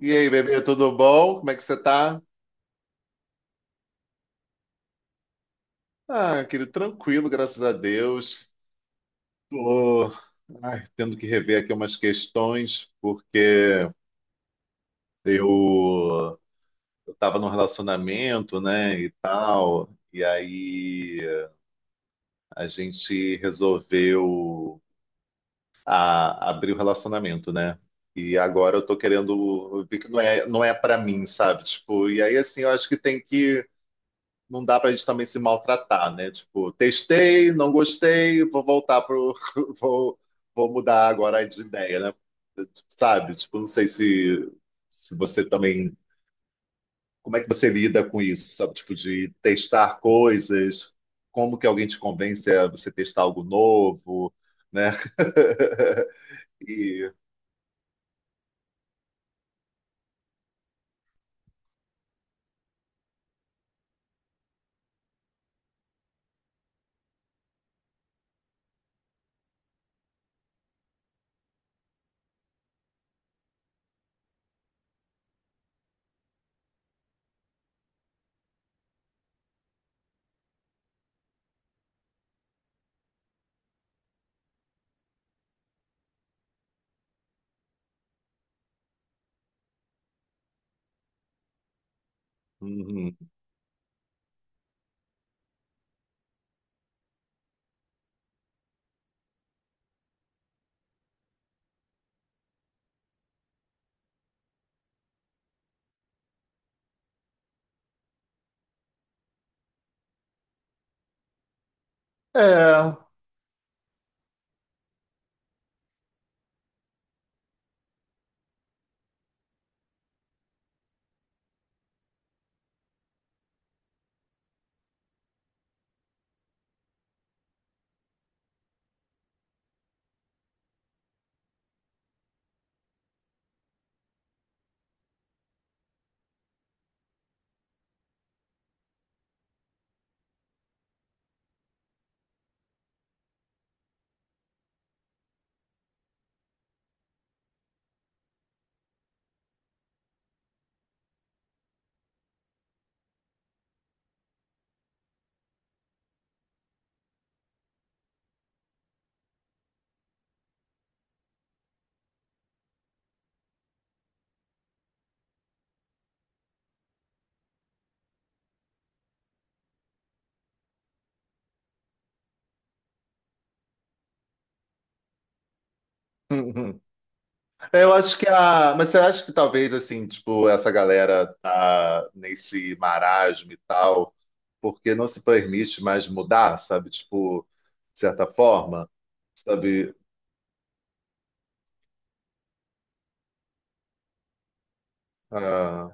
E aí, bebê, tudo bom? Como é que você tá? Ah, querido, tranquilo, graças a Deus. Tô, ai, tendo que rever aqui umas questões, porque eu, eu tava num relacionamento, né, e tal, e aí a gente resolveu abrir o relacionamento, né? E agora eu tô querendo ver que não é para mim, sabe? Tipo, e aí assim, eu acho que não dá pra gente também se maltratar, né? Tipo, testei, não gostei, vou voltar pro. Vou, vou mudar agora de ideia, né? Sabe? Tipo, não sei se você também. Como é que você lida com isso, sabe? Tipo, de testar coisas, como que alguém te convence a você testar algo novo, né? E. Uhum. É. É, eu acho que a. Mas você acha que talvez, assim, tipo, essa galera tá nesse marasmo e tal, porque não se permite mais mudar, sabe? Tipo, de certa forma, sabe? Ah,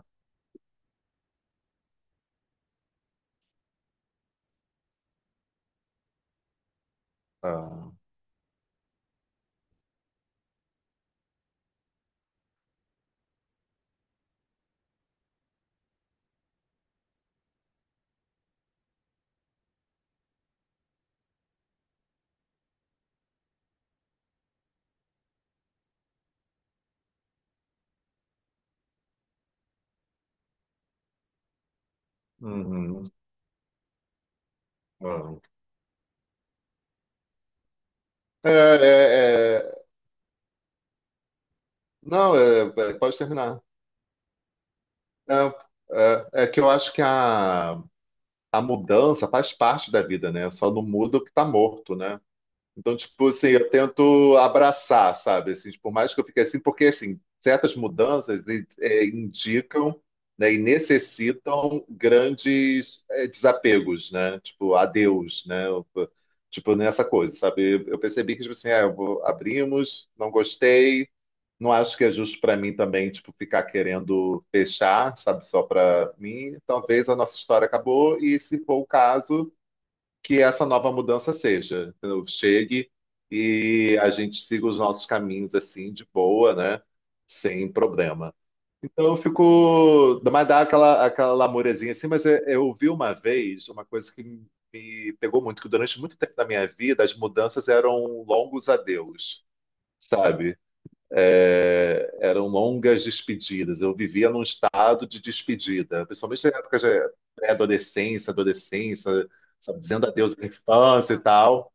ah, uhum, ah. É, é, é, Não, pode terminar. É, é que eu acho a mudança faz parte da vida, né? Só não muda o que tá morto, né? Então, tipo assim, eu tento abraçar, sabe? Assim, tipo, por mais que eu fique assim, porque assim, certas mudanças é, indicam, né, e necessitam grandes é, desapegos, né? Tipo, adeus, né? Eu- Tipo, nessa coisa, sabe? Eu percebi que, tipo assim, ah, abrimos, não gostei, não acho que é justo para mim também, tipo, ficar querendo fechar, sabe? Só para mim. Talvez a nossa história acabou e, se for o caso que essa nova mudança seja, entendeu? Chegue e a gente siga os nossos caminhos assim, de boa, né? Sem problema. Então eu fico. Mas dá aquela lamurezinha assim, mas eu vi uma vez uma coisa que me pegou muito, que durante muito tempo da minha vida as mudanças eram longos adeus, sabe? É, eram longas despedidas. Eu vivia num estado de despedida, principalmente na época de pré-adolescência, adolescência, sabe, dizendo adeus à infância e tal.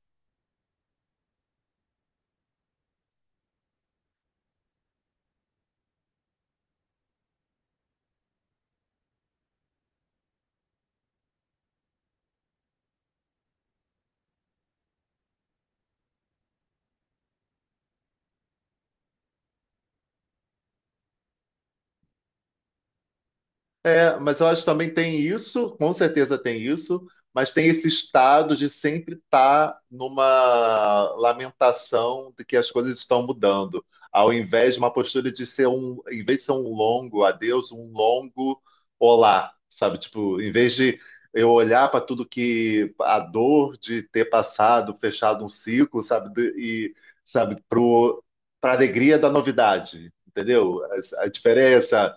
É, mas eu acho que também tem isso, com certeza tem isso, mas tem esse estado de sempre estar numa lamentação de que as coisas estão mudando, ao invés de uma postura de ser um, em vez de ser um longo adeus, um longo olá, sabe? Tipo, em vez de eu olhar para tudo que a dor de ter passado, fechado um ciclo, sabe? Do- E sabe, pro para alegria da novidade, entendeu? A diferença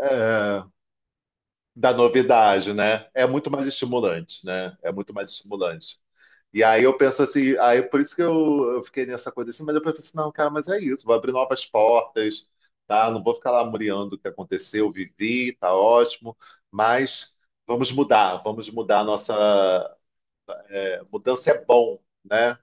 é, da novidade, né? É muito mais estimulante, né? É muito mais estimulante. E aí eu penso assim, aí por isso que eu fiquei nessa coisa assim, mas eu pensei, assim, não, cara, mas é isso, vou abrir novas portas, tá? Não vou ficar lá muriando o que aconteceu, vivi, tá ótimo, mas vamos mudar a nossa. É, mudança é bom, né?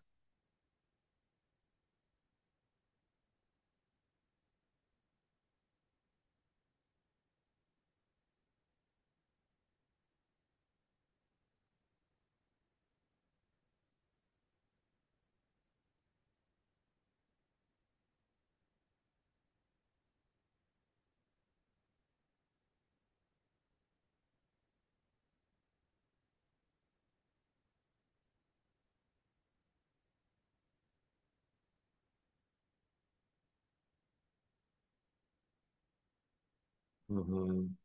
Uhum.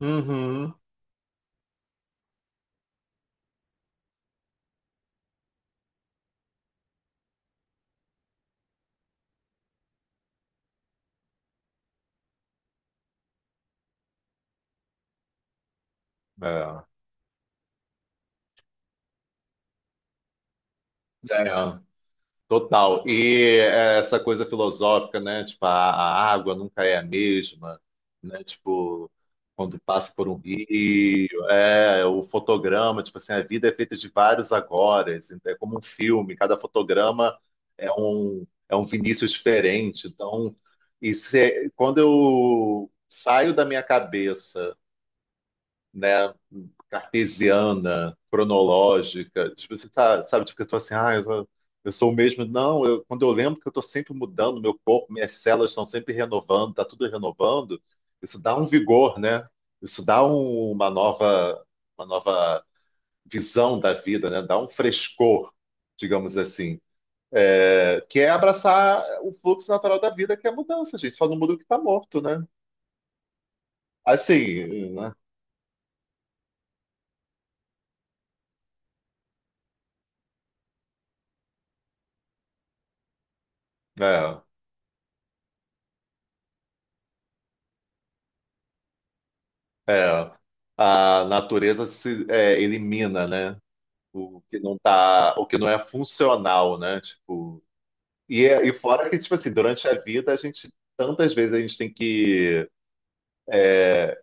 Uhum. É. É. Total. E é, essa coisa filosófica, né? Tipo, a água nunca é a mesma, né? Tipo, quando passa por um rio, é, o fotograma, tipo assim, a vida é feita de vários agoras, então é como um filme, cada fotograma é um Vinícius diferente. Então, isso é- quando eu saio da minha cabeça né, cartesiana, cronológica. Tipo, você tá, sabe, tipo, que eu tô assim, ah, eu sou o mesmo. Não, eu, quando eu lembro que eu tô sempre mudando meu corpo, minhas células estão sempre renovando, tá tudo renovando, isso dá um vigor, né? Isso dá um- uma nova visão da vida, né? Dá um frescor, digamos assim. É, que é abraçar o fluxo natural da vida, que é a mudança, gente. Só não muda o que está morto, né? Assim, né? É. É, a natureza se é, elimina, né? O que não tá, o que não é funcional, né? Tipo, e, é- e fora que, tipo assim, durante a vida a gente tantas vezes a gente tem que é,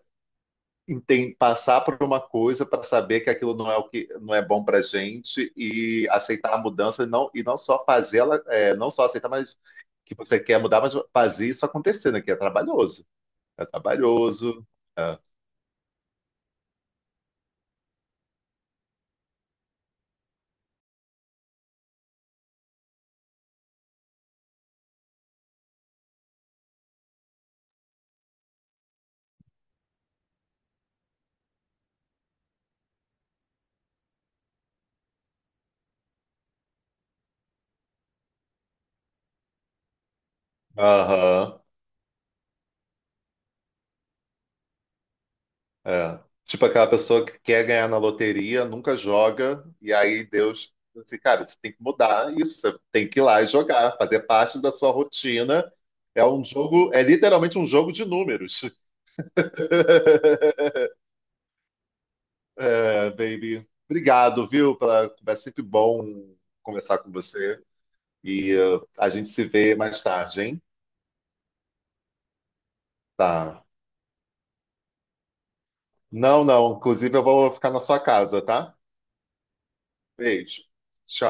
enten- passar por uma coisa para saber que aquilo não é o que não é bom para gente e aceitar a mudança e não só fazê-la, é, não só aceitar, mas que você quer mudar, mas fazer isso acontecer, né? Que é trabalhoso, é trabalhoso. É. Aham. É. Tipo aquela pessoa que quer ganhar na loteria, nunca joga, e aí Deus, assim, cara, você tem que mudar isso, você tem que ir lá e jogar, fazer parte da sua rotina. É um jogo, é literalmente um jogo de números. É, baby, obrigado, viu, pela conversa. É sempre bom conversar com você. E a gente se vê mais tarde, hein? Tá. Não, não. Inclusive, eu vou ficar na sua casa, tá? Beijo. Tchau.